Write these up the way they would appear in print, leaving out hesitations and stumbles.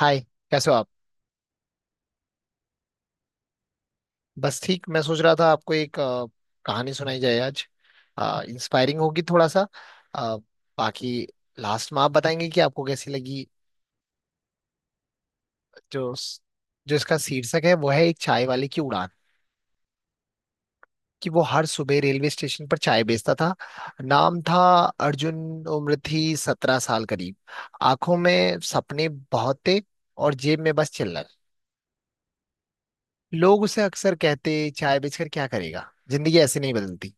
हाय। कैसे हो आप? बस ठीक। मैं सोच रहा था आपको एक कहानी सुनाई जाए आज। इंस्पायरिंग होगी थोड़ा सा। अ, बाकी लास्ट में आप बताएंगे कि आपको कैसी लगी। जो जो इसका शीर्षक है वो है एक चाय वाले की उड़ान। कि वो हर सुबह रेलवे स्टेशन पर चाय बेचता था। नाम था अर्जुन। उम्र थी 17 साल करीब। आंखों में सपने बहुत थे और जेब में बस चिल्लर। लोग उसे अक्सर कहते, चाय बेचकर क्या करेगा, जिंदगी ऐसे नहीं बदलती।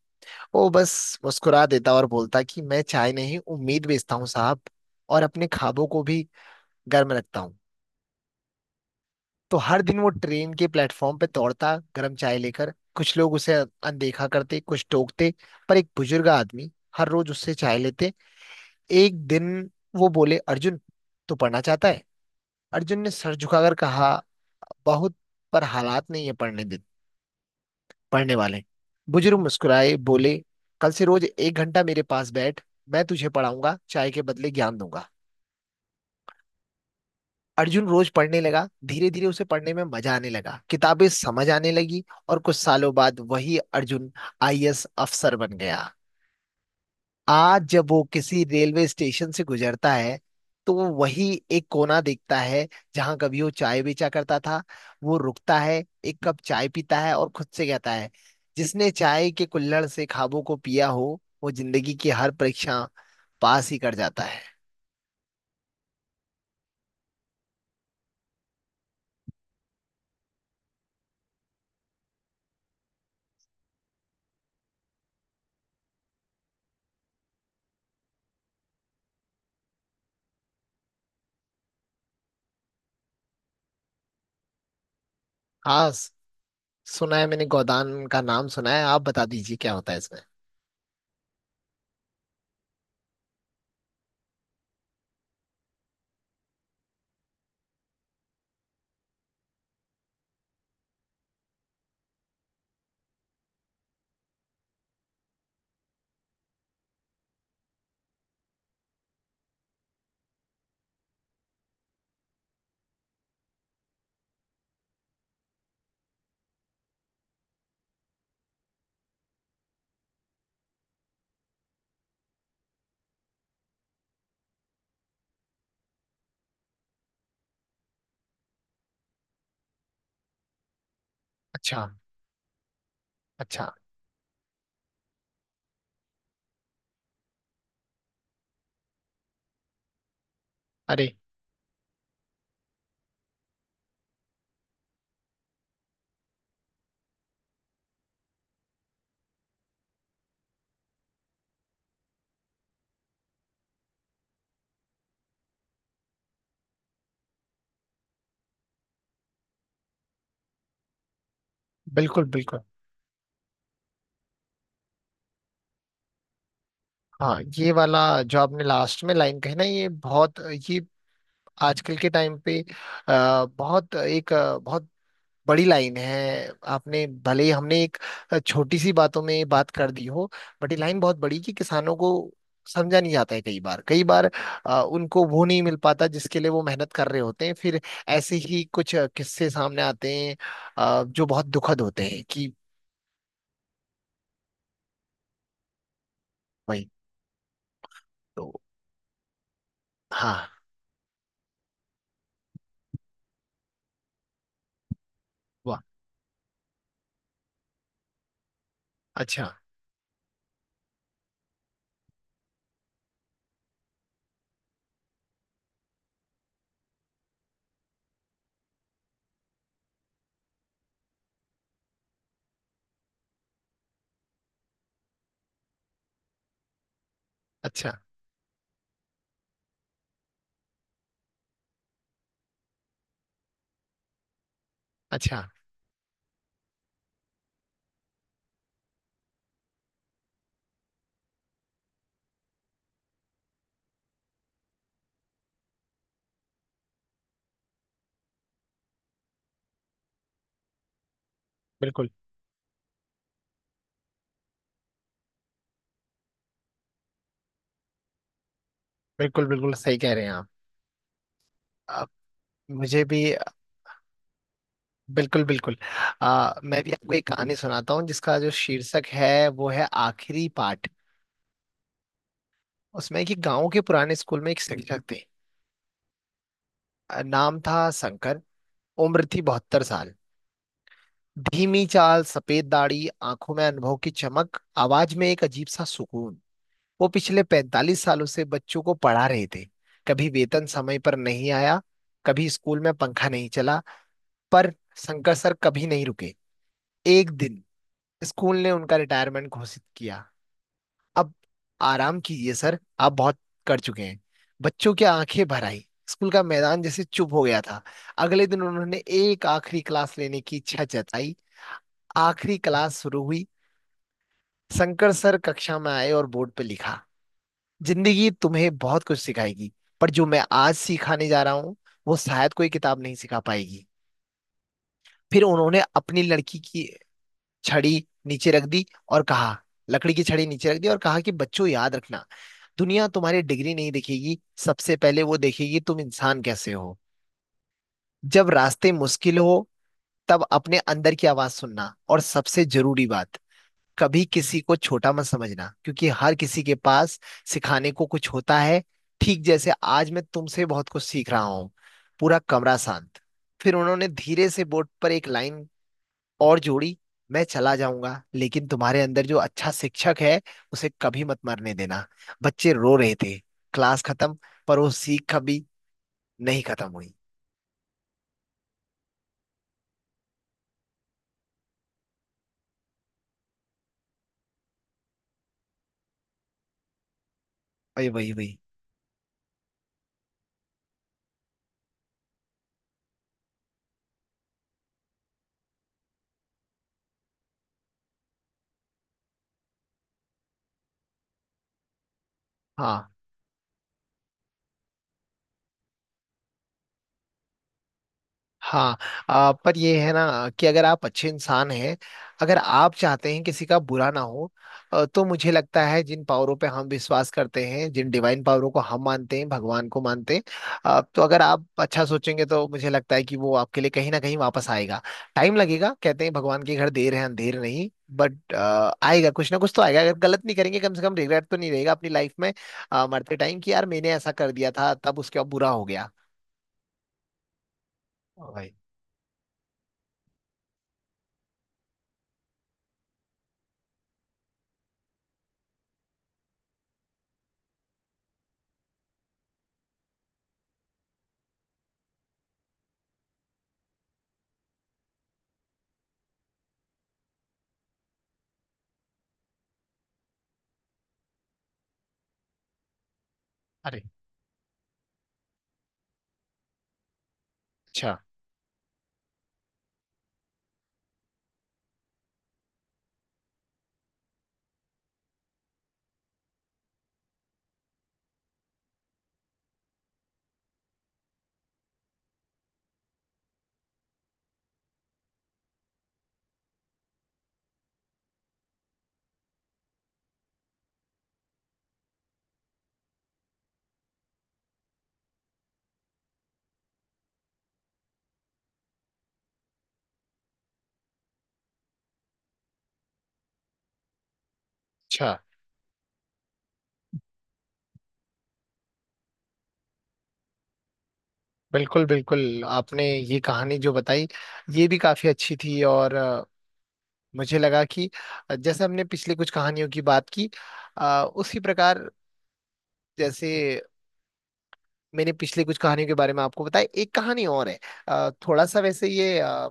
वो बस मुस्कुरा देता और बोलता कि मैं चाय नहीं उम्मीद बेचता हूँ साहब, और अपने ख्वाबों को भी गर्म रखता हूँ। तो हर दिन वो ट्रेन के प्लेटफॉर्म पे दौड़ता गर्म चाय लेकर। कुछ लोग उसे अनदेखा करते, कुछ टोकते। पर एक बुजुर्ग आदमी हर रोज उससे चाय लेते। एक दिन वो बोले, अर्जुन, तू पढ़ना चाहता है? अर्जुन ने सर झुकाकर कहा, बहुत, पर हालात नहीं है पढ़ने देते। पढ़ने वाले बुजुर्ग मुस्कुराए, बोले, कल से रोज एक घंटा मेरे पास बैठ, मैं तुझे पढ़ाऊंगा, चाय के बदले ज्ञान दूंगा। अर्जुन रोज पढ़ने लगा। धीरे धीरे उसे पढ़ने में मजा आने लगा, किताबें समझ आने लगी, और कुछ सालों बाद वही अर्जुन आईएएस अफसर बन गया। आज जब वो किसी रेलवे स्टेशन से गुजरता है, तो वो वही एक कोना देखता है, जहां कभी वो चाय बेचा करता था। वो रुकता है, एक कप चाय पीता है और खुद से कहता है, जिसने चाय के कुल्हड़ से ख्वाबों को पिया हो, वो जिंदगी की हर परीक्षा पास ही कर जाता है। हाँ, सुना है मैंने, गोदान का नाम सुना है। आप बता दीजिए क्या होता है इसमें। अच्छा। अच्छा। अरे। बिल्कुल, बिल्कुल। हाँ, ये वाला जो आपने लास्ट में लाइन कही ना, ये बहुत, ये आजकल के टाइम पे बहुत एक बहुत बड़ी लाइन है। आपने भले ही हमने एक छोटी सी बातों में बात कर दी हो, बट ये लाइन बहुत बड़ी, कि किसानों को समझा नहीं जाता है कई बार, कई बार उनको वो नहीं मिल पाता जिसके लिए वो मेहनत कर रहे होते हैं। फिर ऐसे ही कुछ किस्से सामने आते हैं, जो बहुत दुखद होते हैं कि। भाई। तो। हाँ। वाह। अच्छा। अच्छा। अच्छा। बिल्कुल, बिल्कुल, बिल्कुल सही कह रहे हैं आप। अ, मुझे भी। बिल्कुल, बिल्कुल। मैं भी आपको एक कहानी सुनाता हूँ जिसका जो शीर्षक है वो है आखिरी पाठ। उसमें कि गांव के पुराने स्कूल में एक शिक्षक थे। नाम था शंकर। उम्र थी 72 साल। धीमी चाल, सफेद दाढ़ी, आंखों में अनुभव की चमक, आवाज में एक अजीब सा सुकून। वो पिछले 45 सालों से बच्चों को पढ़ा रहे थे। कभी वेतन समय पर नहीं आया, कभी स्कूल में पंखा नहीं चला, पर शंकर सर कभी नहीं रुके। एक दिन स्कूल ने उनका रिटायरमेंट घोषित किया। अब आराम कीजिए सर, आप बहुत कर चुके हैं। बच्चों की आंखें भर आई, स्कूल का मैदान जैसे चुप हो गया था। अगले दिन उन्होंने एक आखिरी क्लास लेने की इच्छा जताई। आखिरी क्लास शुरू हुई। शंकर सर कक्षा में आए और बोर्ड पे लिखा, जिंदगी तुम्हें बहुत कुछ सिखाएगी, पर जो मैं आज सिखाने जा रहा हूँ, वो शायद कोई किताब नहीं सिखा पाएगी। फिर उन्होंने अपनी लड़की की छड़ी नीचे रख दी, और कहा, लकड़ी की छड़ी नीचे रख दी और कहा कि बच्चों, याद रखना, दुनिया तुम्हारी डिग्री नहीं देखेगी, सबसे पहले वो देखेगी तुम इंसान कैसे हो। जब रास्ते मुश्किल हो, तब अपने अंदर की आवाज सुनना। और सबसे जरूरी बात, कभी किसी को छोटा मत समझना, क्योंकि हर किसी के पास सिखाने को कुछ होता है। ठीक जैसे आज मैं तुमसे बहुत कुछ सीख रहा हूँ। पूरा कमरा शांत। फिर उन्होंने धीरे से बोर्ड पर एक लाइन और जोड़ी, मैं चला जाऊंगा, लेकिन तुम्हारे अंदर जो अच्छा शिक्षक है, उसे कभी मत मरने देना। बच्चे रो रहे थे। क्लास खत्म, पर वो सीख कभी नहीं खत्म हुई। वही, वही, वही। हाँ। हाँ। पर ये है ना कि अगर आप अच्छे इंसान हैं, अगर आप चाहते हैं किसी का बुरा ना हो, तो मुझे लगता है जिन पावरों पे हम विश्वास करते हैं, जिन डिवाइन पावरों को हम मानते हैं, भगवान को मानते हैं, तो अगर आप अच्छा सोचेंगे, तो मुझे लगता है कि वो आपके लिए कहीं ना कहीं वापस आएगा। टाइम लगेगा, कहते हैं भगवान के घर देर है अंधेर नहीं, बट आएगा, कुछ ना कुछ तो आएगा। अगर गलत नहीं करेंगे, कम से कम रिग्रेट तो नहीं रहेगा अपनी लाइफ में, मरते टाइम, कि यार मैंने ऐसा कर दिया था, तब उसके बाद बुरा हो गया। ओ भाई। अरे। अच्छा। अच्छा। बिल्कुल, बिल्कुल, आपने ये कहानी जो बताई ये भी काफी अच्छी थी, और मुझे लगा कि जैसे हमने पिछले कुछ कहानियों की बात की, उसी प्रकार जैसे मैंने पिछले कुछ कहानियों के बारे में आपको बताया, एक कहानी और है, थोड़ा सा वैसे ये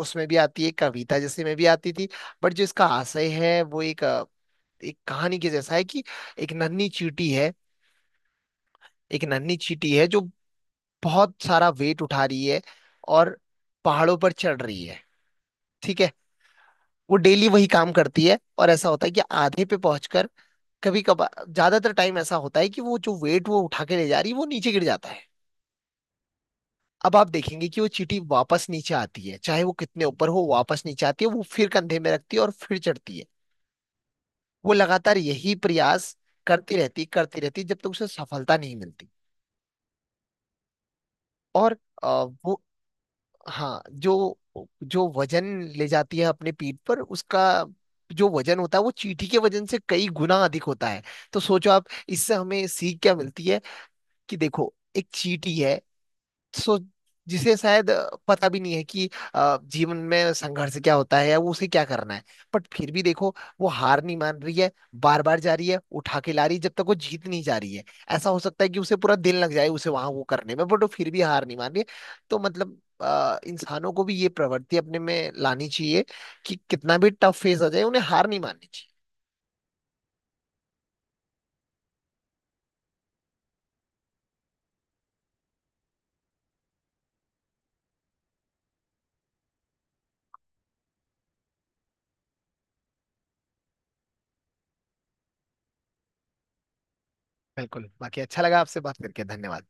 उसमें भी आती है, कविता जैसे में भी आती थी, बट जो इसका आशय है वो एक एक कहानी के जैसा है कि एक नन्ही चींटी है। एक नन्ही चींटी है जो बहुत सारा वेट उठा रही है और पहाड़ों पर चढ़ रही है, ठीक है? वो डेली वही काम करती है, और ऐसा होता है कि आधे पे पहुंचकर, कभी कभार, ज्यादातर टाइम ऐसा होता है कि वो जो वेट वो उठा के ले जा रही है वो नीचे गिर जाता है। अब आप देखेंगे कि वो चींटी वापस नीचे आती है, चाहे वो कितने ऊपर हो वापस नीचे आती है, वो फिर कंधे में रखती है और फिर चढ़ती है। वो लगातार यही प्रयास करती रहती, करती रहती, जब तक उसे सफलता नहीं मिलती। और अ, वो, हाँ, जो जो वजन ले जाती है अपने पीठ पर, उसका जो वजन होता है वो चींटी के वजन से कई गुना अधिक होता है। तो सोचो आप, इससे हमें सीख क्या मिलती है? कि देखो, एक चींटी है, सो जिसे शायद पता भी नहीं है कि जीवन में संघर्ष क्या होता है, या वो उसे क्या करना है, बट फिर भी देखो, वो हार नहीं मान रही है। बार बार जा रही है, उठा के ला रही है, जब तक वो जीत नहीं जा रही है। ऐसा हो सकता है कि उसे पूरा दिन लग जाए उसे वहां वो करने में, बट वो फिर भी हार नहीं मान रही है। तो मतलब इंसानों को भी ये प्रवृत्ति अपने में लानी चाहिए, कि कितना भी टफ फेस आ जाए, उन्हें हार नहीं माननी चाहिए। बिल्कुल। बाकी अच्छा लगा आपसे बात करके, धन्यवाद।